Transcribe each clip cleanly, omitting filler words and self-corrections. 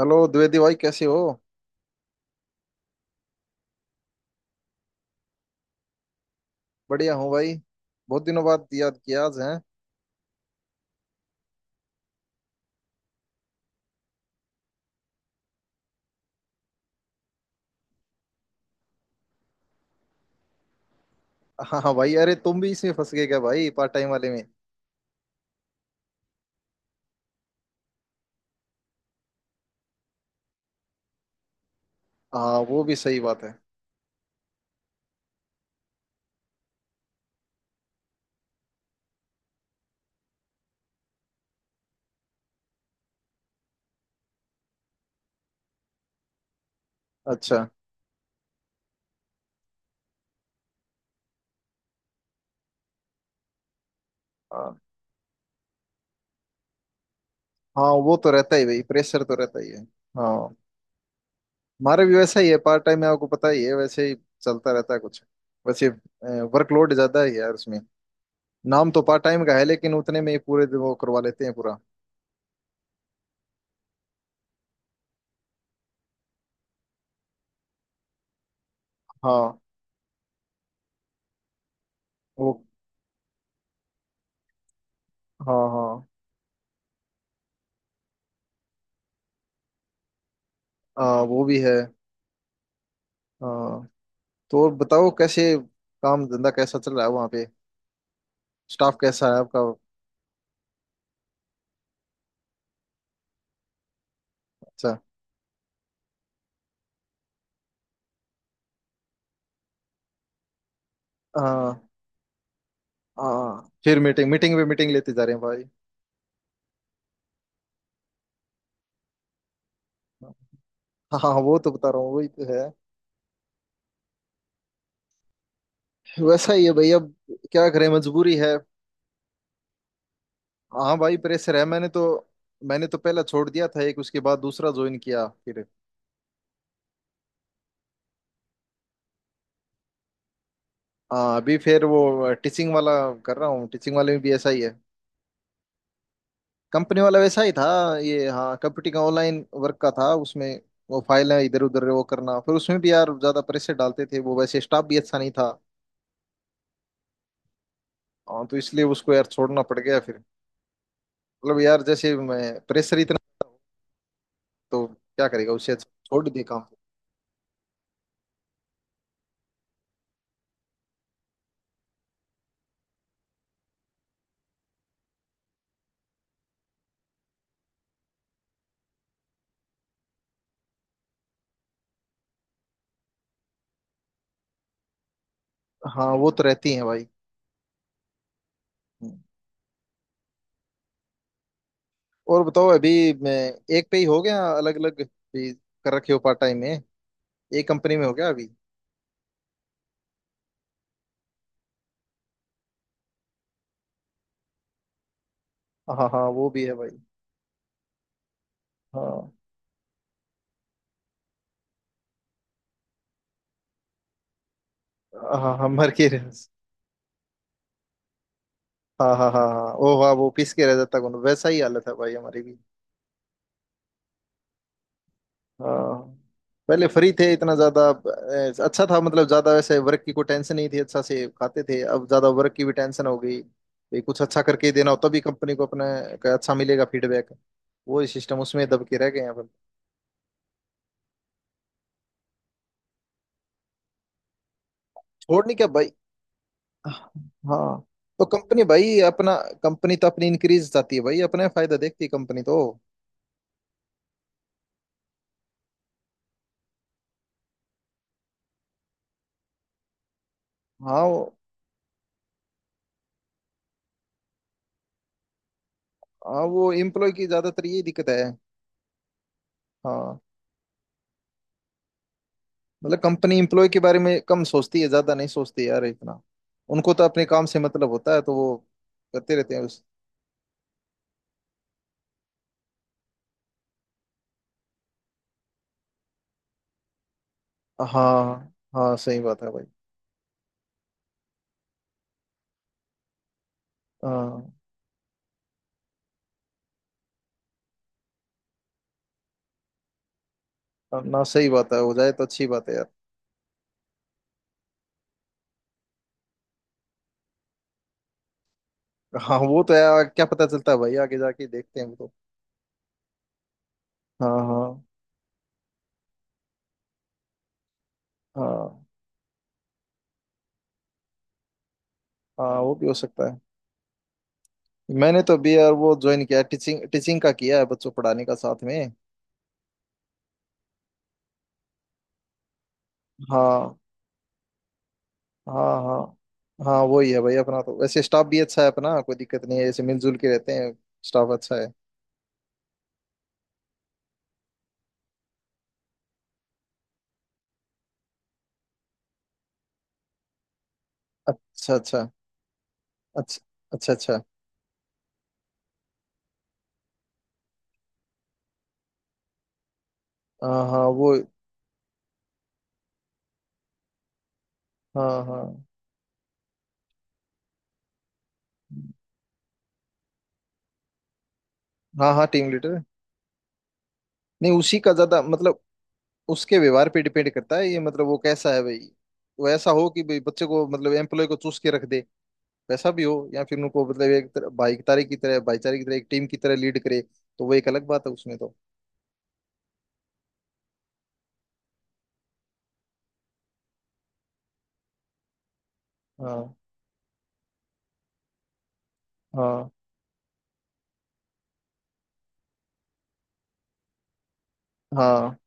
Hello Dwivedi भाई, कैसे हो। बढ़िया हूँ भाई। बहुत दिनों बाद याद किया आज हैं। हाँ हाँ भाई, अरे तुम भी इसमें फंस गए क्या भाई, पार्ट टाइम वाले में। हाँ वो भी सही बात है। अच्छा। हाँ हाँ, वो तो रहता ही भाई, प्रेशर तो रहता ही है। हाँ। हमारे भी वैसा ही है, पार्ट टाइम में आपको पता ही है वैसे ही। चलता रहता है कुछ। वैसे वर्कलोड ज्यादा ही है यार उसमें। नाम तो पार्ट टाइम का है लेकिन उतने में ही पूरे दिन वो करवा लेते हैं पूरा। हाँ वो। हाँ हाँ। हाँ, वो भी है। हाँ, तो और बताओ कैसे काम धंधा कैसा चल रहा है वहाँ पे। स्टाफ कैसा है आपका। अच्छा। हाँ हाँ, फिर मीटिंग मीटिंग पे मीटिंग लेते जा रहे हैं भाई। हाँ हाँ, वो तो बता रहा हूँ, वही तो है। वैसा ही है भाई अब। क्या करें, मजबूरी है। हाँ भाई, प्रेशर है। मैंने तो पहला छोड़ दिया था एक, उसके बाद दूसरा ज्वाइन किया फिर। हाँ अभी फिर वो टीचिंग वाला कर रहा हूँ, टीचिंग वाले में भी ऐसा ही है। कंपनी वाला वैसा ही था। ये हाँ कंप्यूटिंग ऑनलाइन वर्क का था उसमें। वो फाइल है इधर उधर वो करना, फिर उसमें भी यार ज्यादा प्रेशर डालते थे वो, वैसे स्टाफ भी अच्छा नहीं था। हाँ, तो इसलिए उसको यार छोड़ना पड़ गया फिर। मतलब यार जैसे मैं प्रेशर इतना, तो क्या करेगा, उससे अच्छा छोड़ दे काम। हाँ वो तो रहती है भाई। हम्म। और बताओ अभी, मैं एक पे ही हो गया, अलग अलग भी कर रखे हो पार्ट टाइम में। एक कंपनी में हो गया अभी। हाँ हाँ वो भी है भाई। हाँ हाँ हाँ मर्केरियस। हाँ हाँ हाँ हाँ ओ हाँ वो पीस के रह जाता कौन, वैसा ही हालत है भाई हमारी भी। हाँ पहले फ्री थे इतना ज्यादा अच्छा था, मतलब ज्यादा वैसे वर्क की कोई टेंशन नहीं थी, अच्छा से खाते थे। अब ज्यादा वर्क की भी टेंशन हो गई भाई, कुछ अच्छा करके ही देना हो तभी कंपनी को अपने का अच्छा मिलेगा फीडबैक। वो सिस्टम उसमें दब के रह गए हैं अपन। छोड़नी क्या भाई। हाँ तो कंपनी भाई अपना, कंपनी तो अपनी इंक्रीज चाहती है भाई, अपने फायदा देखती है कंपनी तो। हाँ हाँ वो एम्प्लॉय की ज्यादातर ये दिक्कत है। हाँ मतलब कंपनी एम्प्लॉय के बारे में कम सोचती है, ज्यादा नहीं सोचती यार इतना। उनको तो अपने काम से मतलब होता है तो वो करते रहते हैं उस। हाँ हाँ सही बात है भाई। हाँ ना सही बात है, हो जाए तो अच्छी बात है यार। हाँ वो तो यार, क्या पता चलता है भाई, आगे जाके देखते हैं वो तो। हाँ हाँ हाँ हाँ वो भी हो सकता है। मैंने तो अभी यार वो ज्वाइन किया है, टीचिंग टीचिंग का किया है, बच्चों पढ़ाने का साथ में। हाँ हाँ हाँ हाँ वही है भाई अपना। तो वैसे स्टाफ भी अच्छा है अपना, कोई दिक्कत नहीं है, ऐसे मिलजुल के रहते हैं। स्टाफ अच्छा है। अच्छा अच्छा। अच्छा। अच्छा अच्छा। हाँ हाँ वो। हाँ हाँ। हाँ हाँ टीम लीडर। नहीं उसी का ज्यादा मतलब, उसके व्यवहार पे डिपेंड करता है ये, मतलब वो कैसा है भाई। वो ऐसा हो कि भाई बच्चे को मतलब एम्प्लॉय को चूस के रख दे वैसा भी हो, या फिर उनको मतलब एक तरह भाईचारे की तरह भाईचारे की तरह एक टीम की तरह लीड करे। तो वो एक अलग बात है उसमें तो। हाँ हाँ। हाँ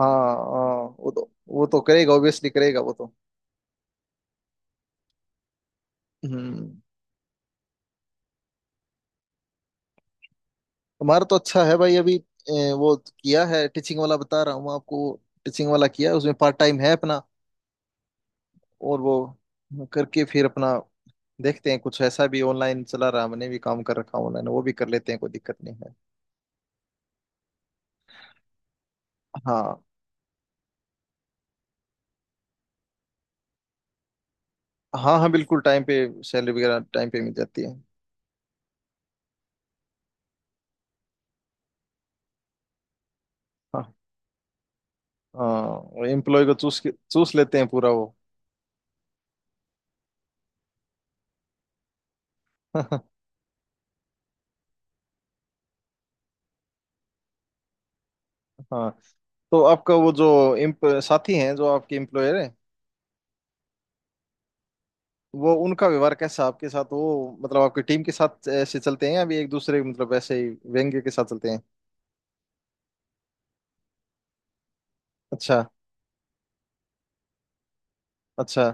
हाँ हाँ वो तो करेगा, ऑब्वियसली करेगा वो तो। हम्म। हमारा तो अच्छा है भाई। अभी वो किया है टीचिंग वाला, बता रहा हूँ आपको। टीचिंग वाला किया है, उसमें पार्ट टाइम है अपना। और वो करके फिर अपना देखते हैं। कुछ ऐसा भी ऑनलाइन चला रहा, मैंने भी काम कर रखा ऑनलाइन, वो भी कर लेते हैं कोई दिक्कत नहीं है। हाँ हाँ। हाँ बिल्कुल टाइम पे, सैलरी वगैरह टाइम पे मिल जाती है। हाँ हाँ एम्प्लॉय को चूस लेते हैं पूरा वो। हाँ तो आपका वो जो एम्प साथी हैं जो आपके एम्प्लॉयर है, वो उनका व्यवहार कैसा आपके साथ, वो मतलब आपकी टीम के साथ ऐसे चलते हैं या भी एक दूसरे मतलब ऐसे ही व्यंग्य के साथ चलते हैं। अच्छा अच्छा।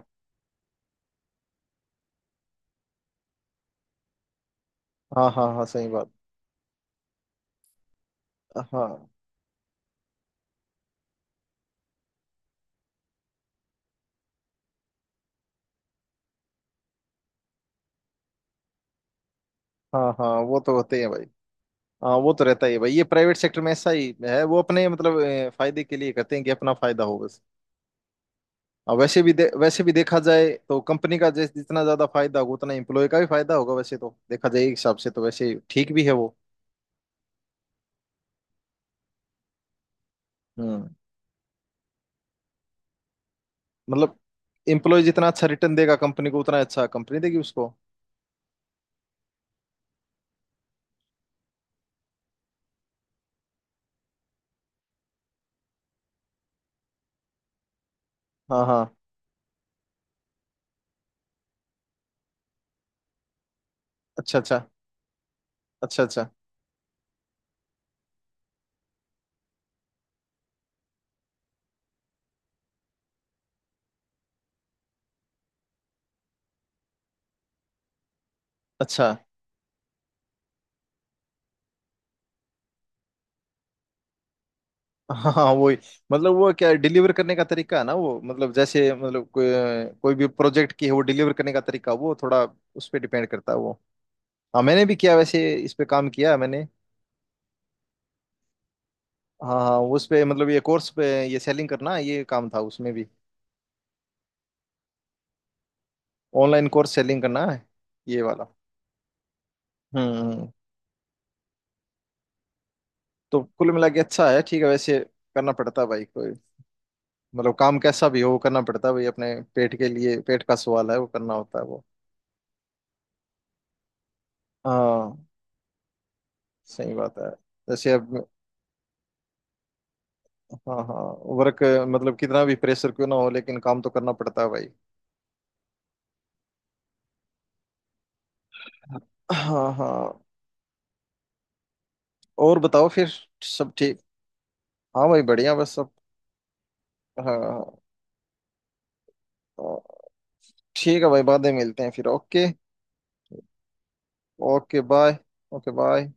हाँ हाँ हाँ सही बात। हाँ हाँ हाँ वो तो होते हैं भाई। हाँ वो तो रहता ही है भाई, ये प्राइवेट सेक्टर में ऐसा ही है। वो अपने मतलब फायदे के लिए करते हैं कि अपना फायदा हो बस। और वैसे भी वैसे भी देखा जाए तो कंपनी का, जैसे जितना ज्यादा फायदा होगा उतना एम्प्लॉय का भी फायदा होगा, वैसे तो देखा जाए एक हिसाब से तो वैसे ठीक भी है वो। हम्म मतलब एम्प्लॉय जितना अच्छा रिटर्न देगा कंपनी को, उतना अच्छा कंपनी देगी उसको। हाँ हाँ। अच्छा अच्छा। अच्छा अच्छा अच्छा। हाँ हाँ, वही। मतलब वो क्या डिलीवर करने का तरीका है ना वो, मतलब जैसे मतलब कोई कोई भी प्रोजेक्ट की है, वो डिलीवर करने का तरीका वो थोड़ा उस पर डिपेंड करता है वो। हाँ मैंने भी किया वैसे इस पे, काम किया है मैंने। हाँ हाँ उस पे मतलब ये कोर्स पे ये सेलिंग करना ये काम था, उसमें भी ऑनलाइन कोर्स सेलिंग करना है, ये वाला। हम्म। तो कुल मिला के अच्छा है, ठीक है वैसे। करना पड़ता है भाई, कोई मतलब काम कैसा भी हो वो करना पड़ता है भाई। अपने पेट के लिए, पेट का सवाल है, वो करना होता है वो। हाँ सही बात है। जैसे अब, हाँ हाँ वर्क, मतलब कितना भी प्रेशर क्यों ना हो लेकिन काम तो करना पड़ता है भाई। हाँ हाँ। और बताओ फिर, सब ठीक। हाँ भाई बढ़िया, बस सब। हाँ हाँ, तो ठीक है भाई, बाद में मिलते हैं फिर। Okay. Okay bye. Okay bye.